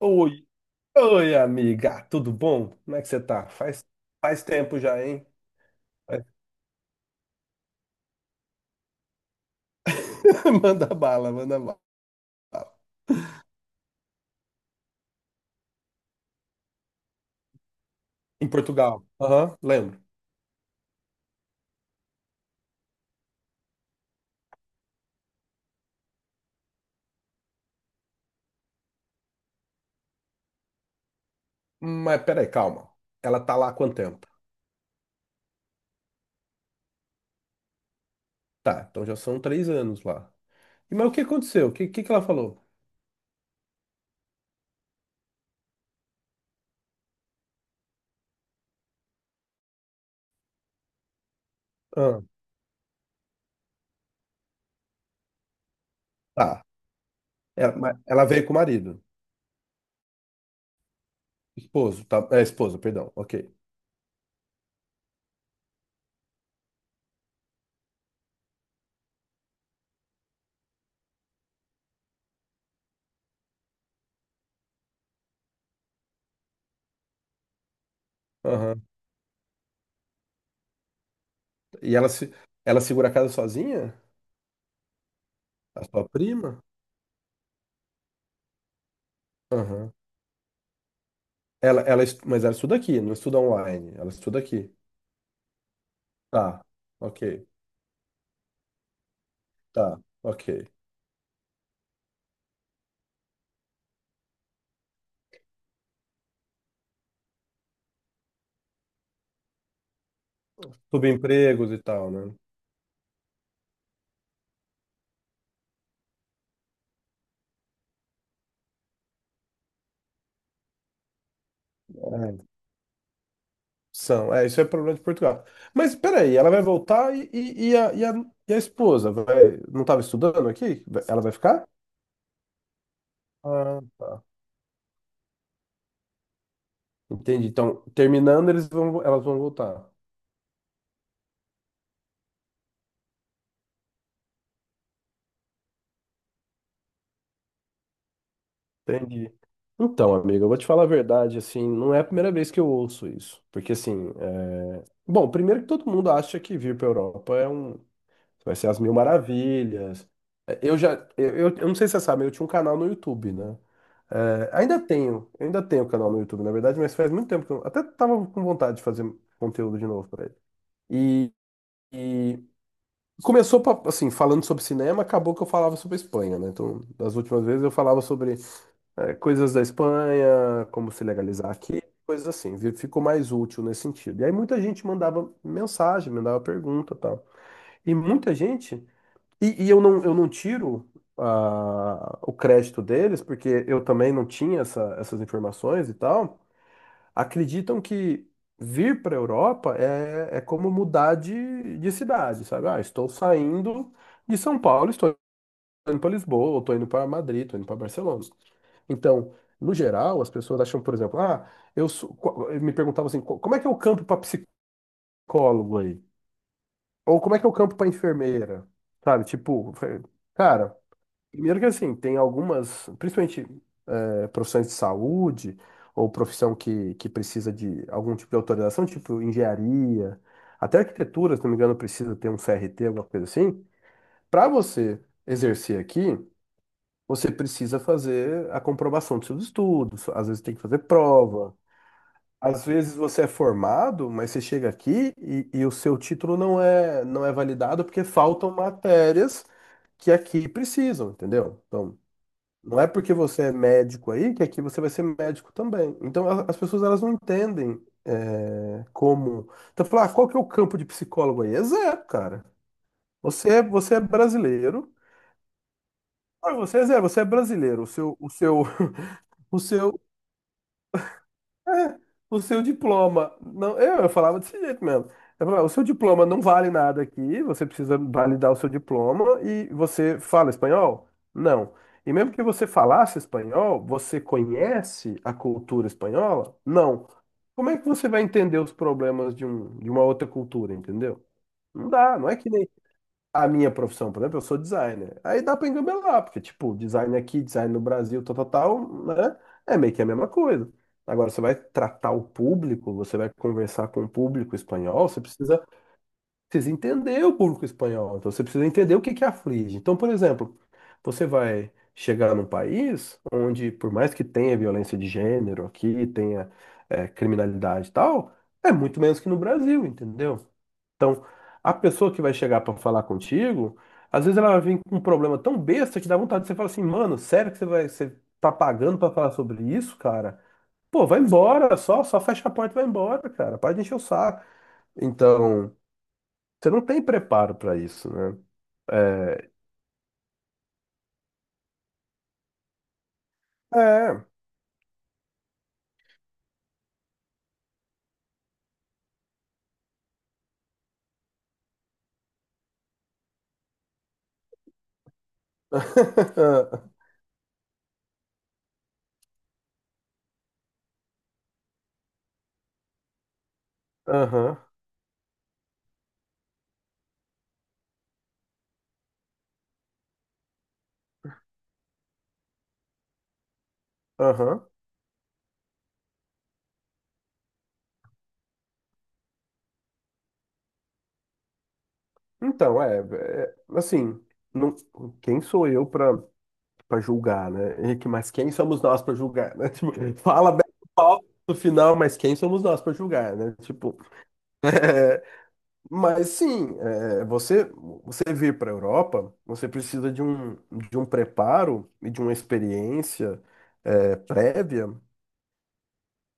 Oi, oi, amiga, tudo bom? Como é que você tá? Faz tempo já, hein? Faz- Manda bala, manda bala. Em Portugal. Aham, lembro. Mas peraí, calma. Ela tá lá há quanto tempo? Tá, então já são 3 anos lá. E, mas o que aconteceu? O que ela falou? Ah, tá. Mas ela veio com o marido. Esposo, tá? É, esposa, perdão. Ok. Aham. E ela, se, ela segura a casa sozinha? A sua prima? Aham. Mas ela estuda aqui, não estuda online. Ela estuda aqui. Tá, ok, tá, ok. Subempregos e tal, né? É, são, é, isso é problema de Portugal. Mas peraí, ela vai voltar e a esposa vai, não estava estudando aqui? Ela vai ficar? Ah, tá. Entendi. Então, terminando, eles vão, elas vão voltar. Entendi. Então, amiga, eu vou te falar a verdade, assim, não é a primeira vez que eu ouço isso. Porque, assim, bom, primeiro que todo mundo acha que vir para Europa é um. Vai ser as mil maravilhas. É, Eu já, eu não sei se você sabe, eu tinha um canal no YouTube, né? É, eu ainda tenho canal no YouTube, na verdade, mas faz muito tempo que eu até tava com vontade de fazer conteúdo de novo pra ele. E, e começou assim, falando sobre cinema, acabou que eu falava sobre a Espanha, né? Então, das últimas vezes eu falava sobre coisas da Espanha, como se legalizar aqui, coisas assim. Ficou mais útil nesse sentido. E aí muita gente mandava mensagem, mandava pergunta, e tal. E muita gente eu não tiro o crédito deles, porque eu também não tinha essas informações e tal. Acreditam que vir para a Europa é como mudar de cidade, sabe? Ah, estou saindo de São Paulo, estou indo para Lisboa, estou indo para Madrid, estou indo para Barcelona. Então, no geral, as pessoas acham, por exemplo, ah, me perguntavam assim, como é que é o campo para psicólogo aí? Ou como é que é o campo para enfermeira? Sabe? Tipo, cara. Primeiro que assim, tem algumas, principalmente profissões de saúde ou profissão que precisa de algum tipo de autorização, tipo engenharia, até arquitetura, se não me engano, precisa ter um CRT, alguma coisa assim. Para você exercer aqui, você precisa fazer a comprovação dos seus estudos, às vezes tem que fazer prova. Às vezes você é formado, mas você chega aqui e o seu título não é validado porque faltam matérias que aqui precisam, entendeu? Então, não é porque você é médico aí que aqui você vai ser médico também. Então as pessoas elas não entendem como. Então falar, ah, qual que é o campo de psicólogo aí? É zero, cara. Você é brasileiro. Ah, você é zero, você é brasileiro. O seu, É, o seu diploma. Não, eu falava desse jeito mesmo. Eu falava, o seu diploma não vale nada aqui, você precisa validar o seu diploma e você fala espanhol? Não. E mesmo que você falasse espanhol, você conhece a cultura espanhola? Não. Como é que você vai entender os problemas de uma outra cultura, entendeu? Não dá, não é que nem a minha profissão, por exemplo, eu sou designer. Aí dá pra engabelar, porque, tipo, design aqui, design no Brasil, tal, tal, tal, né? É meio que a mesma coisa. Agora, você vai tratar o público, você vai conversar com o público espanhol, você precisa entender o público espanhol, então você precisa entender o que que aflige. Então, por exemplo, você vai chegar num país onde, por mais que tenha violência de gênero aqui, tenha criminalidade e tal, é muito menos que no Brasil, entendeu? Então, a pessoa que vai chegar para falar contigo, às vezes ela vem com um problema tão besta que dá vontade de você falar assim, mano, sério que você vai, você tá pagando para falar sobre isso, cara? Pô, vai embora, só fecha a porta e vai embora, cara. Para de encher o saco. Então, você não tem preparo para isso, né? É. É. Aham, aham. Então, é, é, assim, não, quem sou eu para julgar, né? Henrique, mas quem somos nós para julgar, né? Tipo, fala bem do palco no final, mas quem somos nós para julgar, né? Tipo, mas sim, você vir para Europa, você precisa de um preparo e de uma experiência prévia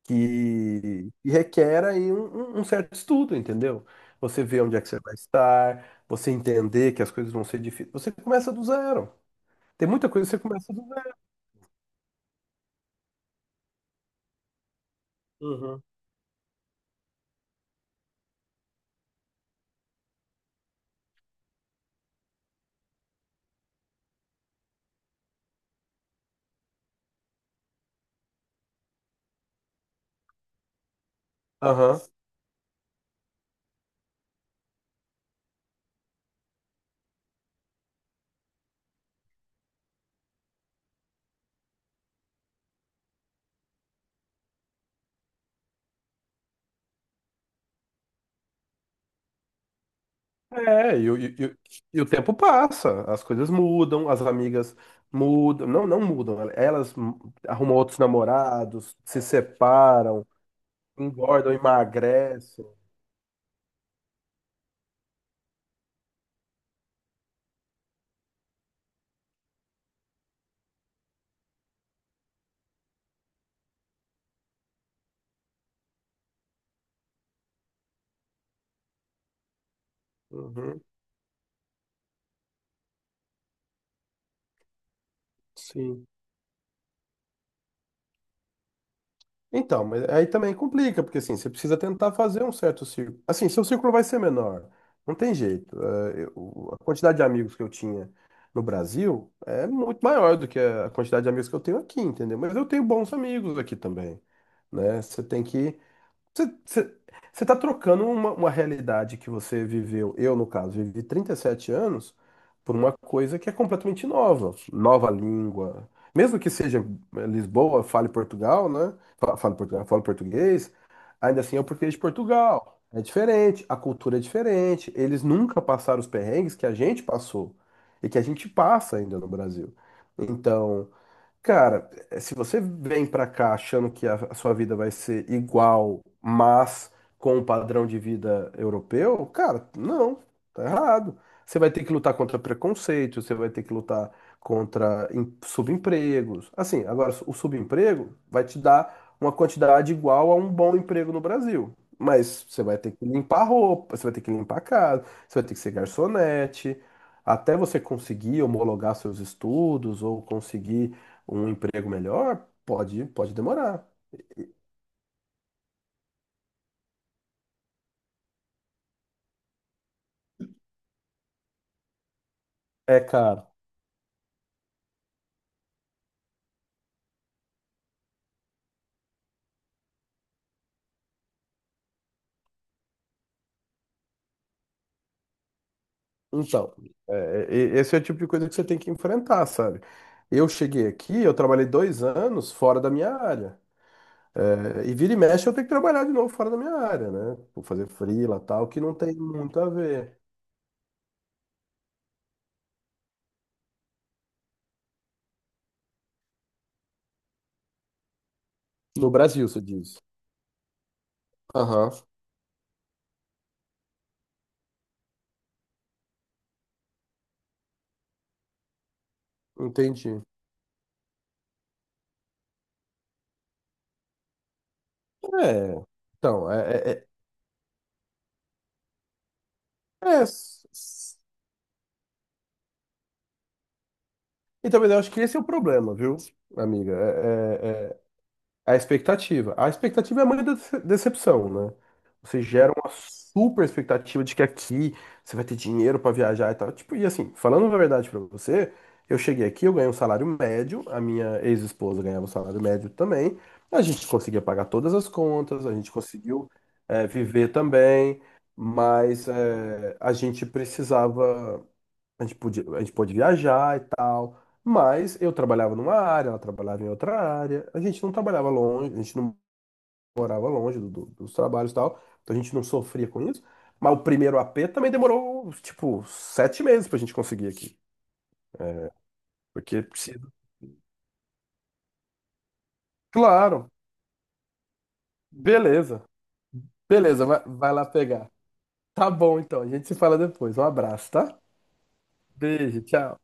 que requer aí um certo estudo, entendeu? Você vê onde é que você vai estar, você entender que as coisas vão ser difíceis. Você começa do zero. Tem muita coisa que você começa do zero. Uhum. Aham. É, e o tempo passa, as coisas mudam, as amigas mudam, não, não mudam, elas arrumam outros namorados, se separam, engordam, emagrecem. Uhum. Sim. Então, mas aí também complica, porque assim, você precisa tentar fazer um certo círculo. Assim, seu círculo vai ser menor. Não tem jeito. É, a quantidade de amigos que eu tinha no Brasil é muito maior do que a quantidade de amigos que eu tenho aqui, entendeu? Mas eu tenho bons amigos aqui também, né? Você tem que você está trocando uma realidade que você viveu, eu no caso, vivi 37 anos, por uma coisa que é completamente nova, nova língua. Mesmo que seja Lisboa, fale Portugal, né? Fale Portugal, fale português, ainda assim é o português de Portugal. É diferente, a cultura é diferente, eles nunca passaram os perrengues que a gente passou e que a gente passa ainda no Brasil. Então, cara, se você vem pra cá achando que a sua vida vai ser igual, mas com o padrão de vida europeu, cara, não, tá errado. Você vai ter que lutar contra preconceito, você vai ter que lutar contra subempregos. Assim, agora o subemprego vai te dar uma quantidade igual a um bom emprego no Brasil. Mas você vai ter que limpar roupa, você vai ter que limpar a casa, você vai ter que ser garçonete, até você conseguir homologar seus estudos ou conseguir um emprego melhor, pode demorar. É, cara. Então, esse é o tipo de coisa que você tem que enfrentar, sabe? Eu cheguei aqui, eu trabalhei 2 anos fora da minha área. É, e vira e mexe eu tenho que trabalhar de novo fora da minha área, né? Vou fazer freela tal, que não tem muito a ver. No Brasil, você diz. Aham, entendi. É, então, é- é, s- s- Então, mas eu acho que esse é o problema, viu, amiga? A expectativa. A expectativa é a mãe da decepção, né? Você gera uma super expectativa de que aqui você vai ter dinheiro pra viajar e tal. Tipo, e assim, falando a verdade pra você, eu cheguei aqui, eu ganhei um salário médio, a minha ex-esposa ganhava um salário médio também. A gente conseguia pagar todas as contas, a gente conseguiu, viver também, mas a gente precisava. A gente podia, a gente pode viajar e tal, mas eu trabalhava numa área, ela trabalhava em outra área, a gente não trabalhava longe, a gente não morava longe dos trabalhos e tal, então a gente não sofria com isso. Mas o primeiro AP também demorou, tipo, 7 meses pra gente conseguir aqui. Porque precisa. Claro, beleza. Beleza, vai, vai lá pegar. Tá bom, então, a gente se fala depois. Um abraço, tá? Beijo, tchau.